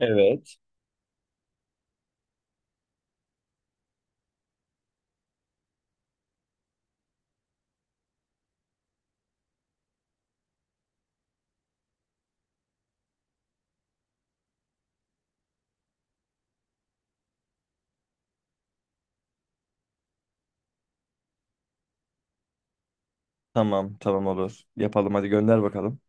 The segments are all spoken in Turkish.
Evet. Tamam, tamam olur. Yapalım hadi gönder bakalım.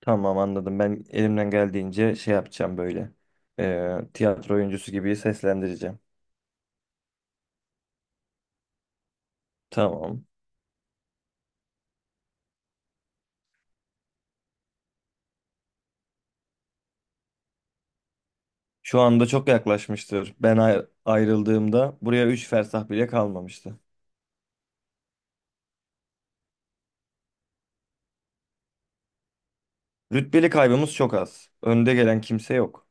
Tamam anladım. Ben elimden geldiğince şey yapacağım böyle. Tiyatro oyuncusu gibi seslendireceğim. Tamam. Şu anda çok yaklaşmıştır. Ben ayrıldığımda buraya 3 fersah bile kalmamıştı. Rütbeli kaybımız çok az. Önde gelen kimse yok.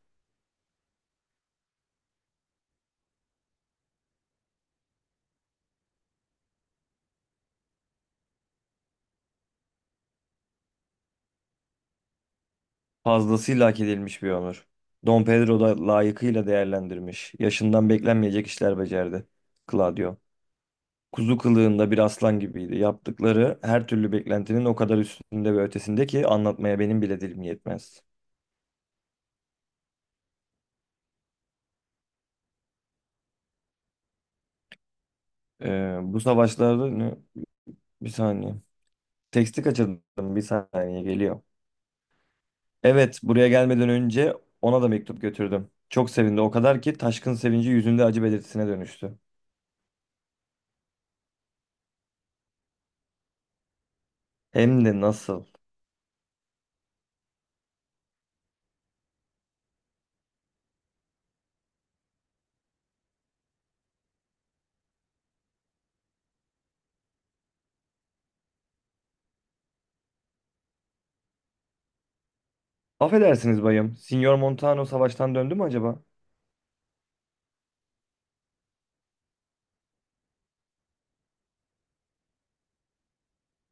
Fazlasıyla hak edilmiş bir onur. Don Pedro da layıkıyla değerlendirmiş. Yaşından beklenmeyecek işler becerdi. Claudio. Kuzu kılığında bir aslan gibiydi. Yaptıkları her türlü beklentinin o kadar üstünde ve ötesinde ki anlatmaya benim bile dilim yetmez. Bu savaşlarda ne? Bir saniye. Teksti kaçırdım. Bir saniye geliyor. Evet, buraya gelmeden önce ona da mektup götürdüm. Çok sevindi o kadar ki taşkın sevinci yüzünde acı belirtisine dönüştü. Hem de nasıl? Affedersiniz bayım. Signor Montano savaştan döndü mü acaba?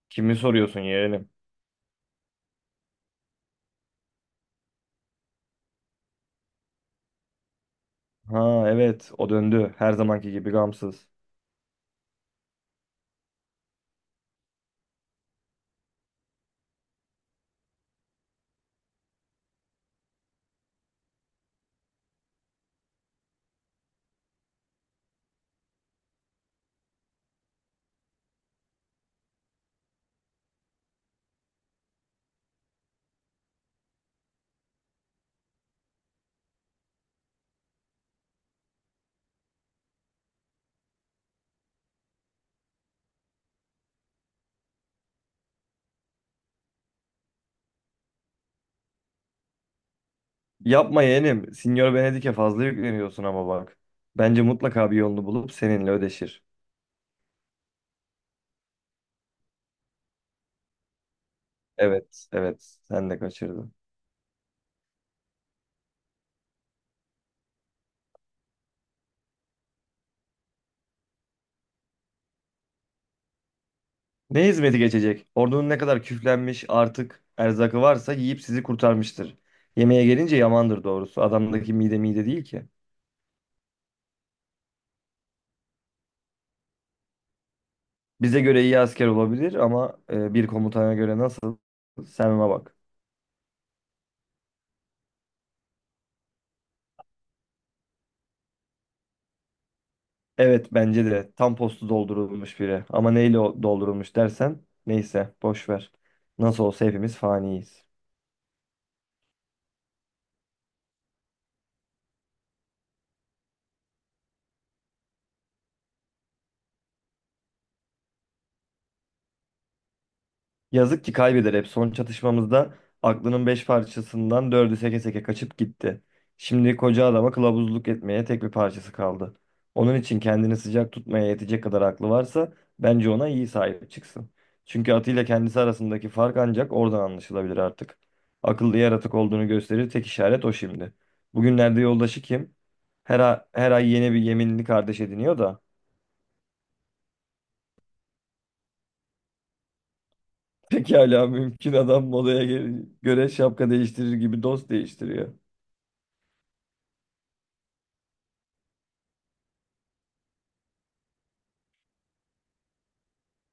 Kimi soruyorsun yeğenim? Ha evet, o döndü. Her zamanki gibi gamsız. Yapma yeğenim. Sinyor Venedik'e fazla yükleniyorsun ama bak. Bence mutlaka bir yolunu bulup seninle ödeşir. Evet, evet. Sen de kaçırdın. Ne hizmeti geçecek? Ordunun ne kadar küflenmiş artık erzakı varsa yiyip sizi kurtarmıştır. Yemeğe gelince yamandır doğrusu. Adamdaki mide mide değil ki. Bize göre iyi asker olabilir ama bir komutana göre nasıl? Sen ona bak. Evet bence de tam postu doldurulmuş biri. Ama neyle doldurulmuş dersen neyse boş ver. Nasıl olsa hepimiz faniyiz. Yazık ki kaybeder hep. Son çatışmamızda aklının beş parçasından dördü seke seke kaçıp gitti. Şimdi koca adama kılavuzluk etmeye tek bir parçası kaldı. Onun için kendini sıcak tutmaya yetecek kadar aklı varsa bence ona iyi sahip çıksın. Çünkü atıyla kendisi arasındaki fark ancak oradan anlaşılabilir artık. Akıllı yaratık olduğunu gösterir tek işaret o şimdi. Bugünlerde yoldaşı kim? Her ay yeni bir yeminli kardeş ediniyor da. Pekala mümkün adam modaya göre şapka değiştirir gibi dost değiştiriyor.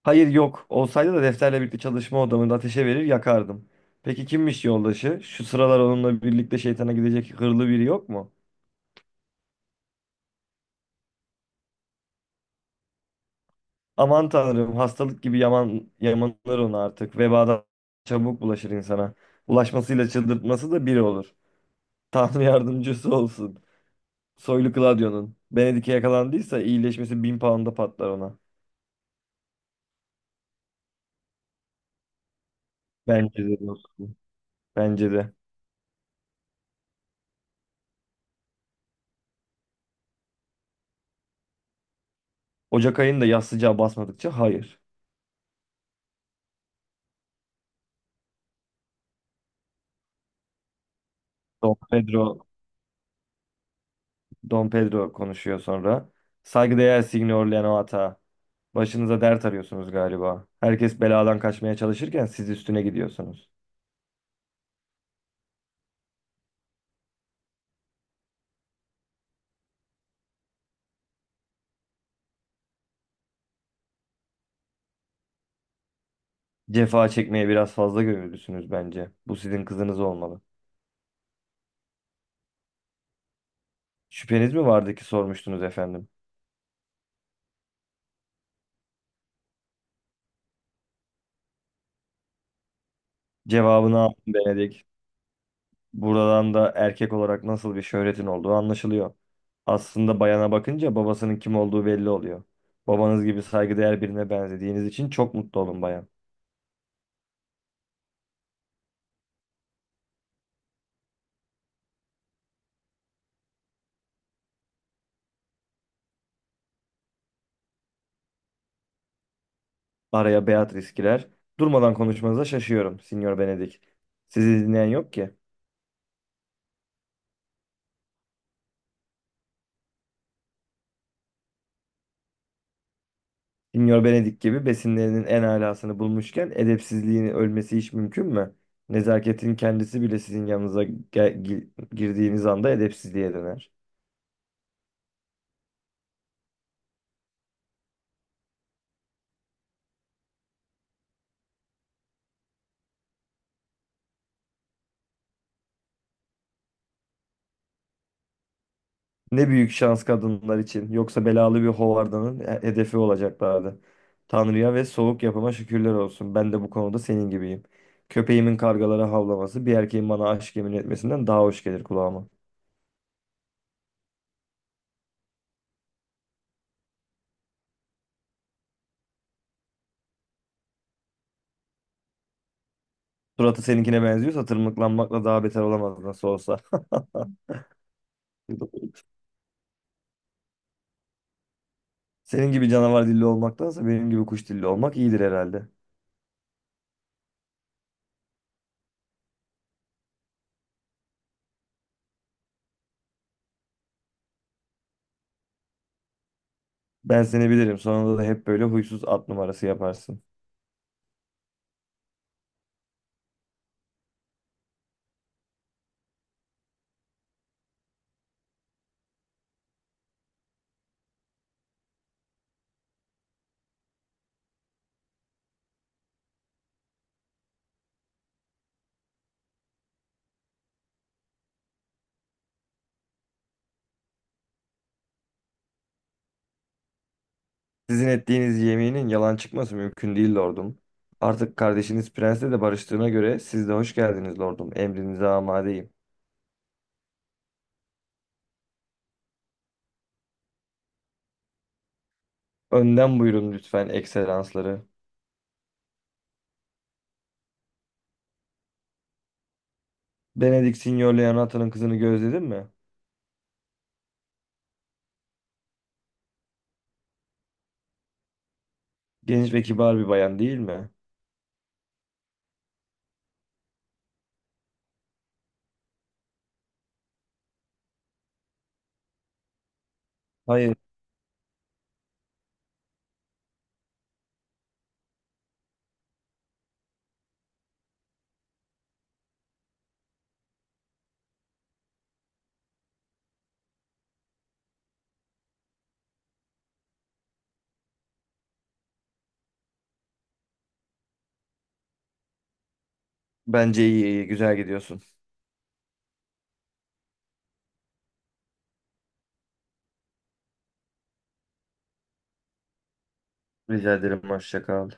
Hayır yok. Olsaydı da defterle birlikte çalışma odamında ateşe verir yakardım. Peki kimmiş yoldaşı? Şu sıralar onunla birlikte şeytana gidecek hırlı biri yok mu? Aman tanrım hastalık gibi yaman, yamanır onu artık. Vebadan çabuk bulaşır insana. Bulaşmasıyla çıldırtması da biri olur. Tanrı yardımcısı olsun. Soylu Claudio'nun. Benedik'e yakalandıysa iyileşmesi bin pound'a patlar ona. Bence de dostum. Bence de. Ocak ayında yaz sıcağı basmadıkça hayır. Don Pedro Don Pedro konuşuyor sonra. Saygıdeğer Signor Leonata. Başınıza dert arıyorsunuz galiba. Herkes beladan kaçmaya çalışırken siz üstüne gidiyorsunuz. Cefa çekmeye biraz fazla gönüllüsünüz bence. Bu sizin kızınız olmalı. Şüpheniz mi vardı ki sormuştunuz efendim? Cevabını aldım Benedik. Buradan da erkek olarak nasıl bir şöhretin olduğu anlaşılıyor. Aslında bayana bakınca babasının kim olduğu belli oluyor. Babanız gibi saygıdeğer birine benzediğiniz için çok mutlu olun bayan. Araya Beatrice girer. Durmadan konuşmanıza şaşıyorum, Sinyor Benedik. Sizi dinleyen yok ki. Sinyor Benedik gibi besinlerinin en alasını bulmuşken edepsizliğin ölmesi hiç mümkün mü? Nezaketin kendisi bile sizin yanınıza girdiğiniz anda edepsizliğe döner. Ne büyük şans kadınlar için. Yoksa belalı bir hovardanın hedefi olacaklardı. Tanrı'ya ve soğuk yapıma şükürler olsun. Ben de bu konuda senin gibiyim. Köpeğimin kargalara havlaması bir erkeğin bana aşk yemin etmesinden daha hoş gelir kulağıma. Suratı seninkine benziyorsa tırmıklanmakla daha beter olamaz nasıl olsa. Senin gibi canavar dilli olmaktansa benim gibi kuş dilli olmak iyidir herhalde. Ben seni bilirim. Sonunda da hep böyle huysuz at numarası yaparsın. Sizin ettiğiniz yeminin yalan çıkması mümkün değil lordum. Artık kardeşiniz prensle de barıştığına göre siz de hoş geldiniz lordum. Emrinize amadeyim. Önden buyurun lütfen ekselansları. Benedict Signor Leonato'nun kızını gözledin mi? Genç ve kibar bir bayan değil mi? Hayır. Bence iyi iyi güzel gidiyorsun. Rica ederim. Hoşça kal.